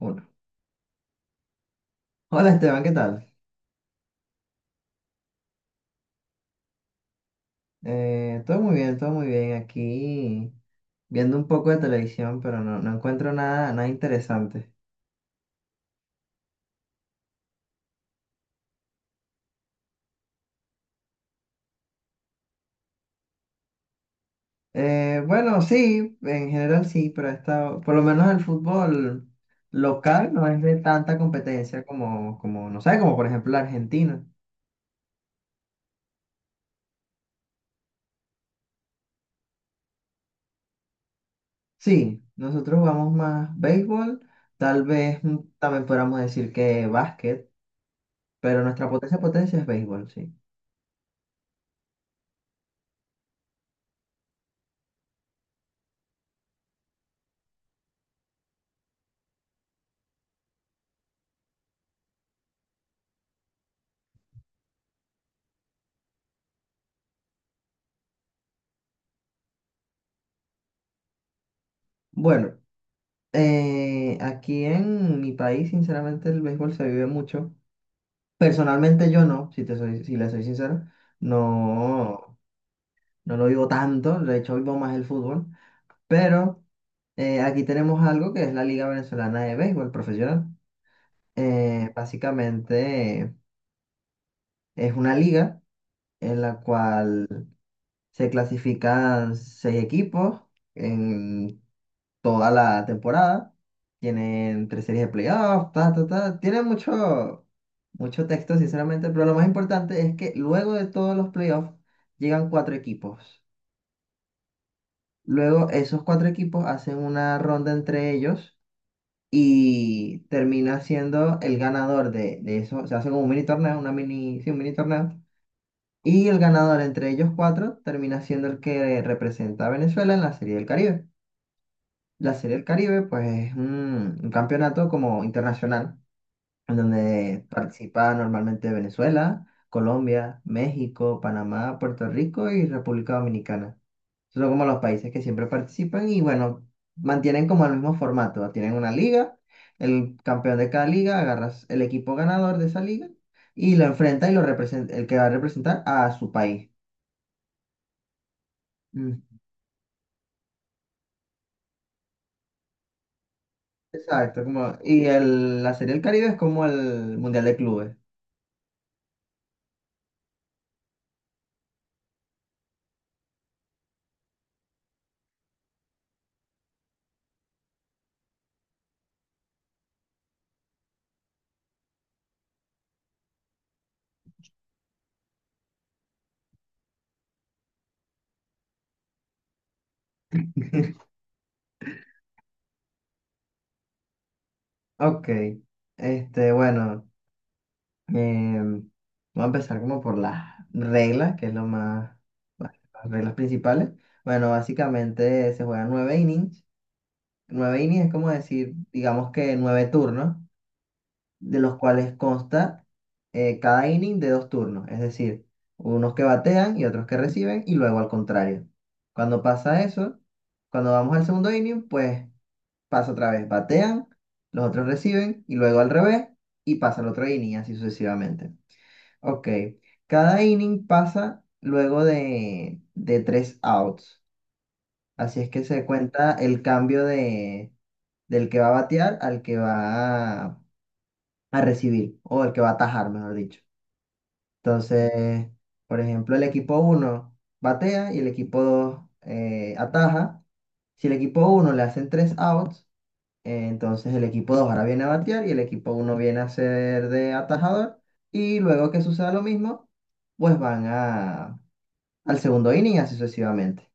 Uno. Hola Esteban, ¿qué tal? Todo muy bien, todo muy bien. Aquí viendo un poco de televisión, pero no encuentro nada interesante. Bueno, sí, en general sí, pero está, por lo menos el fútbol local no es de tanta competencia como, no sé, como por ejemplo la Argentina. Sí, nosotros jugamos más béisbol, tal vez también podríamos decir que básquet, pero nuestra potencia es béisbol, sí. Bueno. Aquí en mi país, sinceramente, el béisbol se vive mucho. Personalmente yo no, si le soy sincero, no, no lo vivo tanto, de hecho vivo más el fútbol, pero aquí tenemos algo que es la Liga Venezolana de Béisbol Profesional. Básicamente, es una liga en la cual se clasifican seis equipos en toda la temporada. Tienen tres series de playoffs, ta, ta, ta. Tienen mucho, mucho texto, sinceramente, pero lo más importante es que luego de todos los playoffs llegan cuatro equipos. Luego esos cuatro equipos hacen una ronda entre ellos y termina siendo el ganador de eso. Se hace como un mini torneo, una mini, sí, un mini torneo. Y el ganador entre ellos cuatro termina siendo el que representa a Venezuela en la Serie del Caribe. La Serie del Caribe, pues es un campeonato como internacional, en donde participa normalmente Venezuela, Colombia, México, Panamá, Puerto Rico y República Dominicana. Esos son como los países que siempre participan y bueno, mantienen como el mismo formato. Tienen una liga, el campeón de cada liga agarras el equipo ganador de esa liga y lo enfrenta y lo representa, el que va a representar a su país. Mm. Exacto, como, y la Serie del Caribe es como el Mundial de Clubes. Ok, este, bueno, em, voy a empezar como por las reglas, que es lo más, bueno, las reglas principales. Bueno, básicamente se juegan nueve innings. Nueve innings es como decir, digamos que nueve turnos, de los cuales consta cada inning de dos turnos, es decir, unos que batean y otros que reciben, y luego al contrario. Cuando pasa eso, cuando vamos al segundo inning, pues pasa otra vez, batean, los otros reciben y luego al revés y pasa el otro inning, así sucesivamente. Ok, cada inning pasa luego de tres outs, así es que se cuenta el cambio del que va a batear al que va a recibir o el que va a atajar, mejor dicho. Entonces, por ejemplo, el equipo uno batea y el equipo 2 ataja. Si el equipo uno le hacen tres outs, entonces el equipo 2 ahora viene a batear y el equipo uno viene a ser de atajador. Y luego que suceda lo mismo, pues van al segundo inning y así sucesivamente.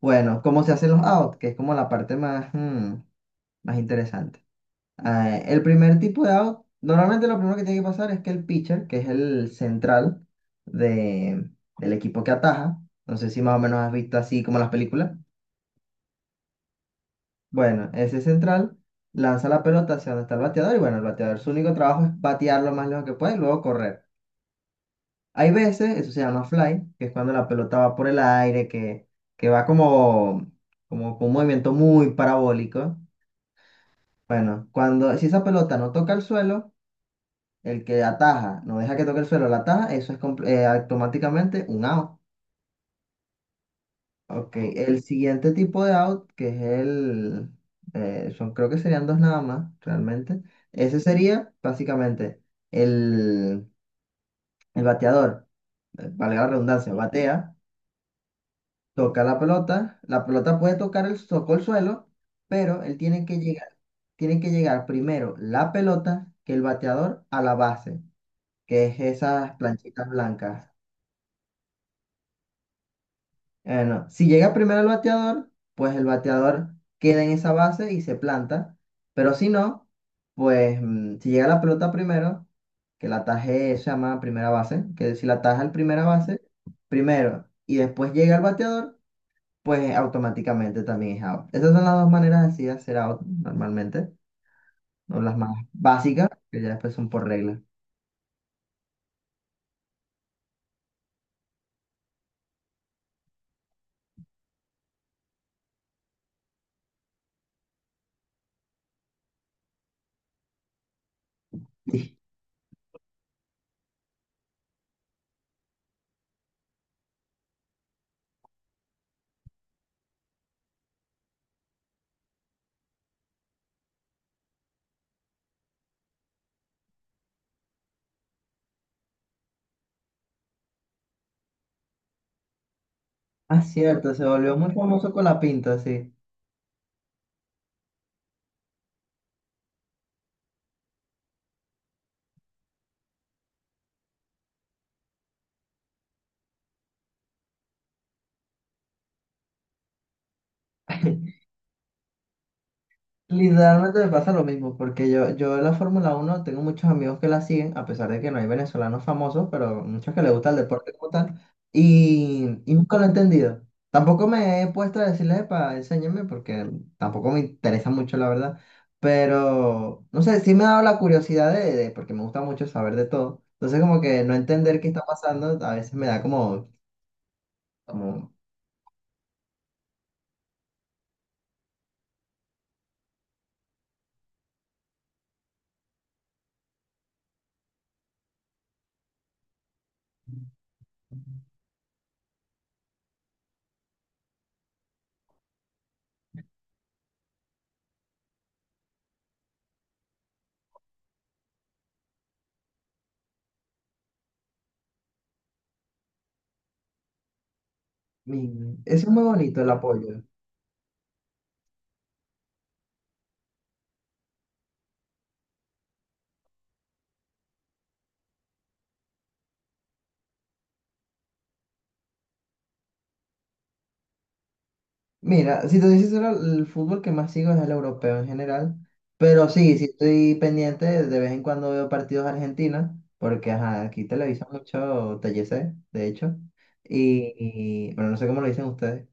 Bueno, ¿cómo se hacen los outs? Que es como la parte más, más interesante. El primer tipo de out, normalmente lo primero que tiene que pasar es que el pitcher, que es el central de, del equipo que ataja, no sé si más o menos has visto así como las películas. Bueno, ese central lanza la pelota hacia donde está el bateador y bueno, el bateador su único trabajo es batear lo más lejos que puede y luego correr. Hay veces, eso se llama fly, que es cuando la pelota va por el aire, que va como, como con un movimiento muy parabólico. Bueno, cuando si esa pelota no toca el suelo, el que ataja, no deja que toque el suelo, la ataja, eso es automáticamente un out. Ok, el siguiente tipo de out, que es son, creo que serían dos nada más, realmente. Ese sería básicamente el, el bateador, valga la redundancia, batea, toca la pelota puede tocar tocó el suelo, pero él tiene que llegar primero la pelota que el bateador a la base, que es esas planchitas blancas. No. Si llega primero el bateador, pues el bateador queda en esa base y se planta. Pero si no, pues si llega la pelota primero, que la ataje se llama primera base, que si la ataja el primera base primero y después llega el bateador, pues automáticamente también es out. Esas son las dos maneras así de hacer out normalmente, o las más básicas, que ya después son por regla. Ah, cierto, se volvió muy famoso con la pinta, sí. Literalmente me pasa lo mismo, porque yo la Fórmula uno tengo muchos amigos que la siguen, a pesar de que no hay venezolanos famosos, pero muchos que les gusta el deporte como tal, y nunca lo he entendido. Tampoco me he puesto a decirles, para enséñenme, porque tampoco me interesa mucho, la verdad, pero no sé, sí me ha dado la curiosidad de- porque me gusta mucho saber de todo. Entonces, como que no entender qué está pasando, a veces me da como, como, mi- eso es muy bonito el apoyo. Mira, si te dices el fútbol que más sigo es el europeo en general, pero sí, sí estoy pendiente, de vez en cuando veo partidos argentinos, porque ajá, aquí televisa mucho TLC, de hecho, y, y, bueno, no sé cómo lo dicen ustedes,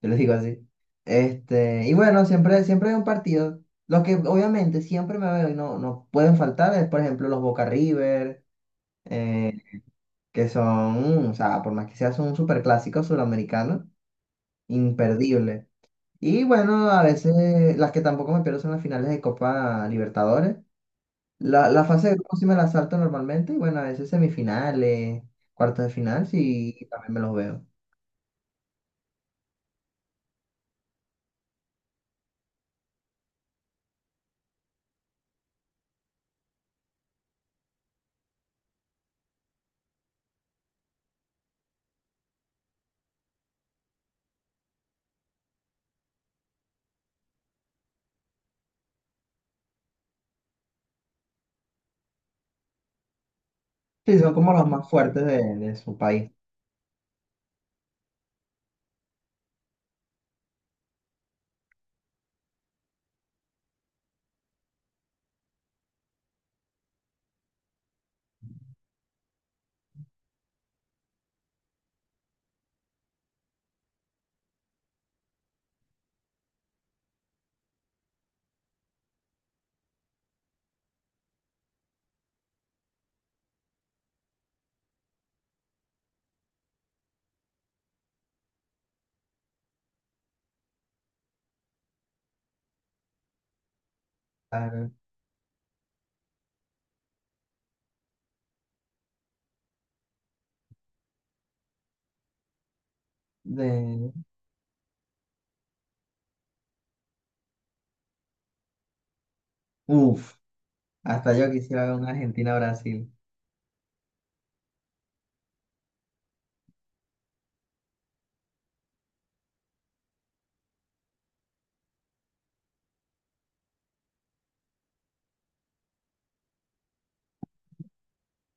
yo les digo así. Este, y bueno, siempre, siempre hay un partido, los que obviamente siempre me veo y no, no pueden faltar es, por ejemplo, los Boca River, eh, que son, o sea, por más que sea, son un superclásico suramericano, imperdible. Y bueno, a veces las que tampoco me pierdo son las finales de Copa Libertadores. La fase de grupos sí me la salto normalmente. Y bueno, a veces semifinales, cuartos de final, sí, también me los veo. Sí, son como los más fuertes de su país. Ah, de... Uf, hasta yo quisiera ver una Argentina-Brasil.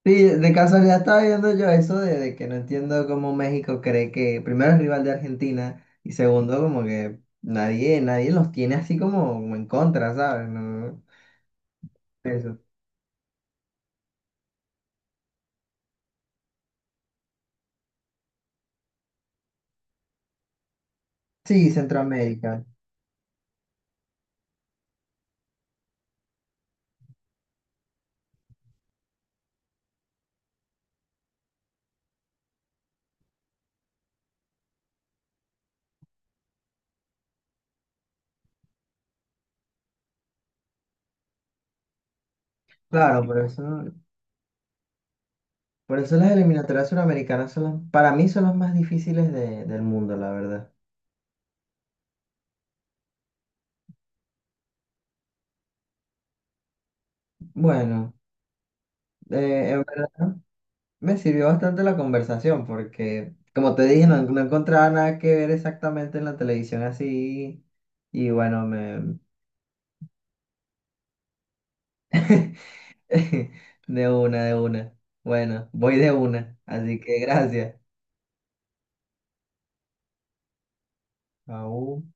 Sí, de casualidad estaba viendo yo eso de que no entiendo cómo México cree que primero es rival de Argentina y segundo como que nadie, nadie los tiene así como, como en contra, ¿sabes? No, eso. Sí, Centroamérica. Claro, por eso las eliminatorias suramericanas son las, para mí son las más difíciles de- del mundo, la verdad. Bueno, en verdad me sirvió bastante la conversación porque, como te dije, no, no encontraba nada que ver exactamente en la televisión así. Y bueno, me... De una, de una. Bueno, voy de una, así que gracias. Aún.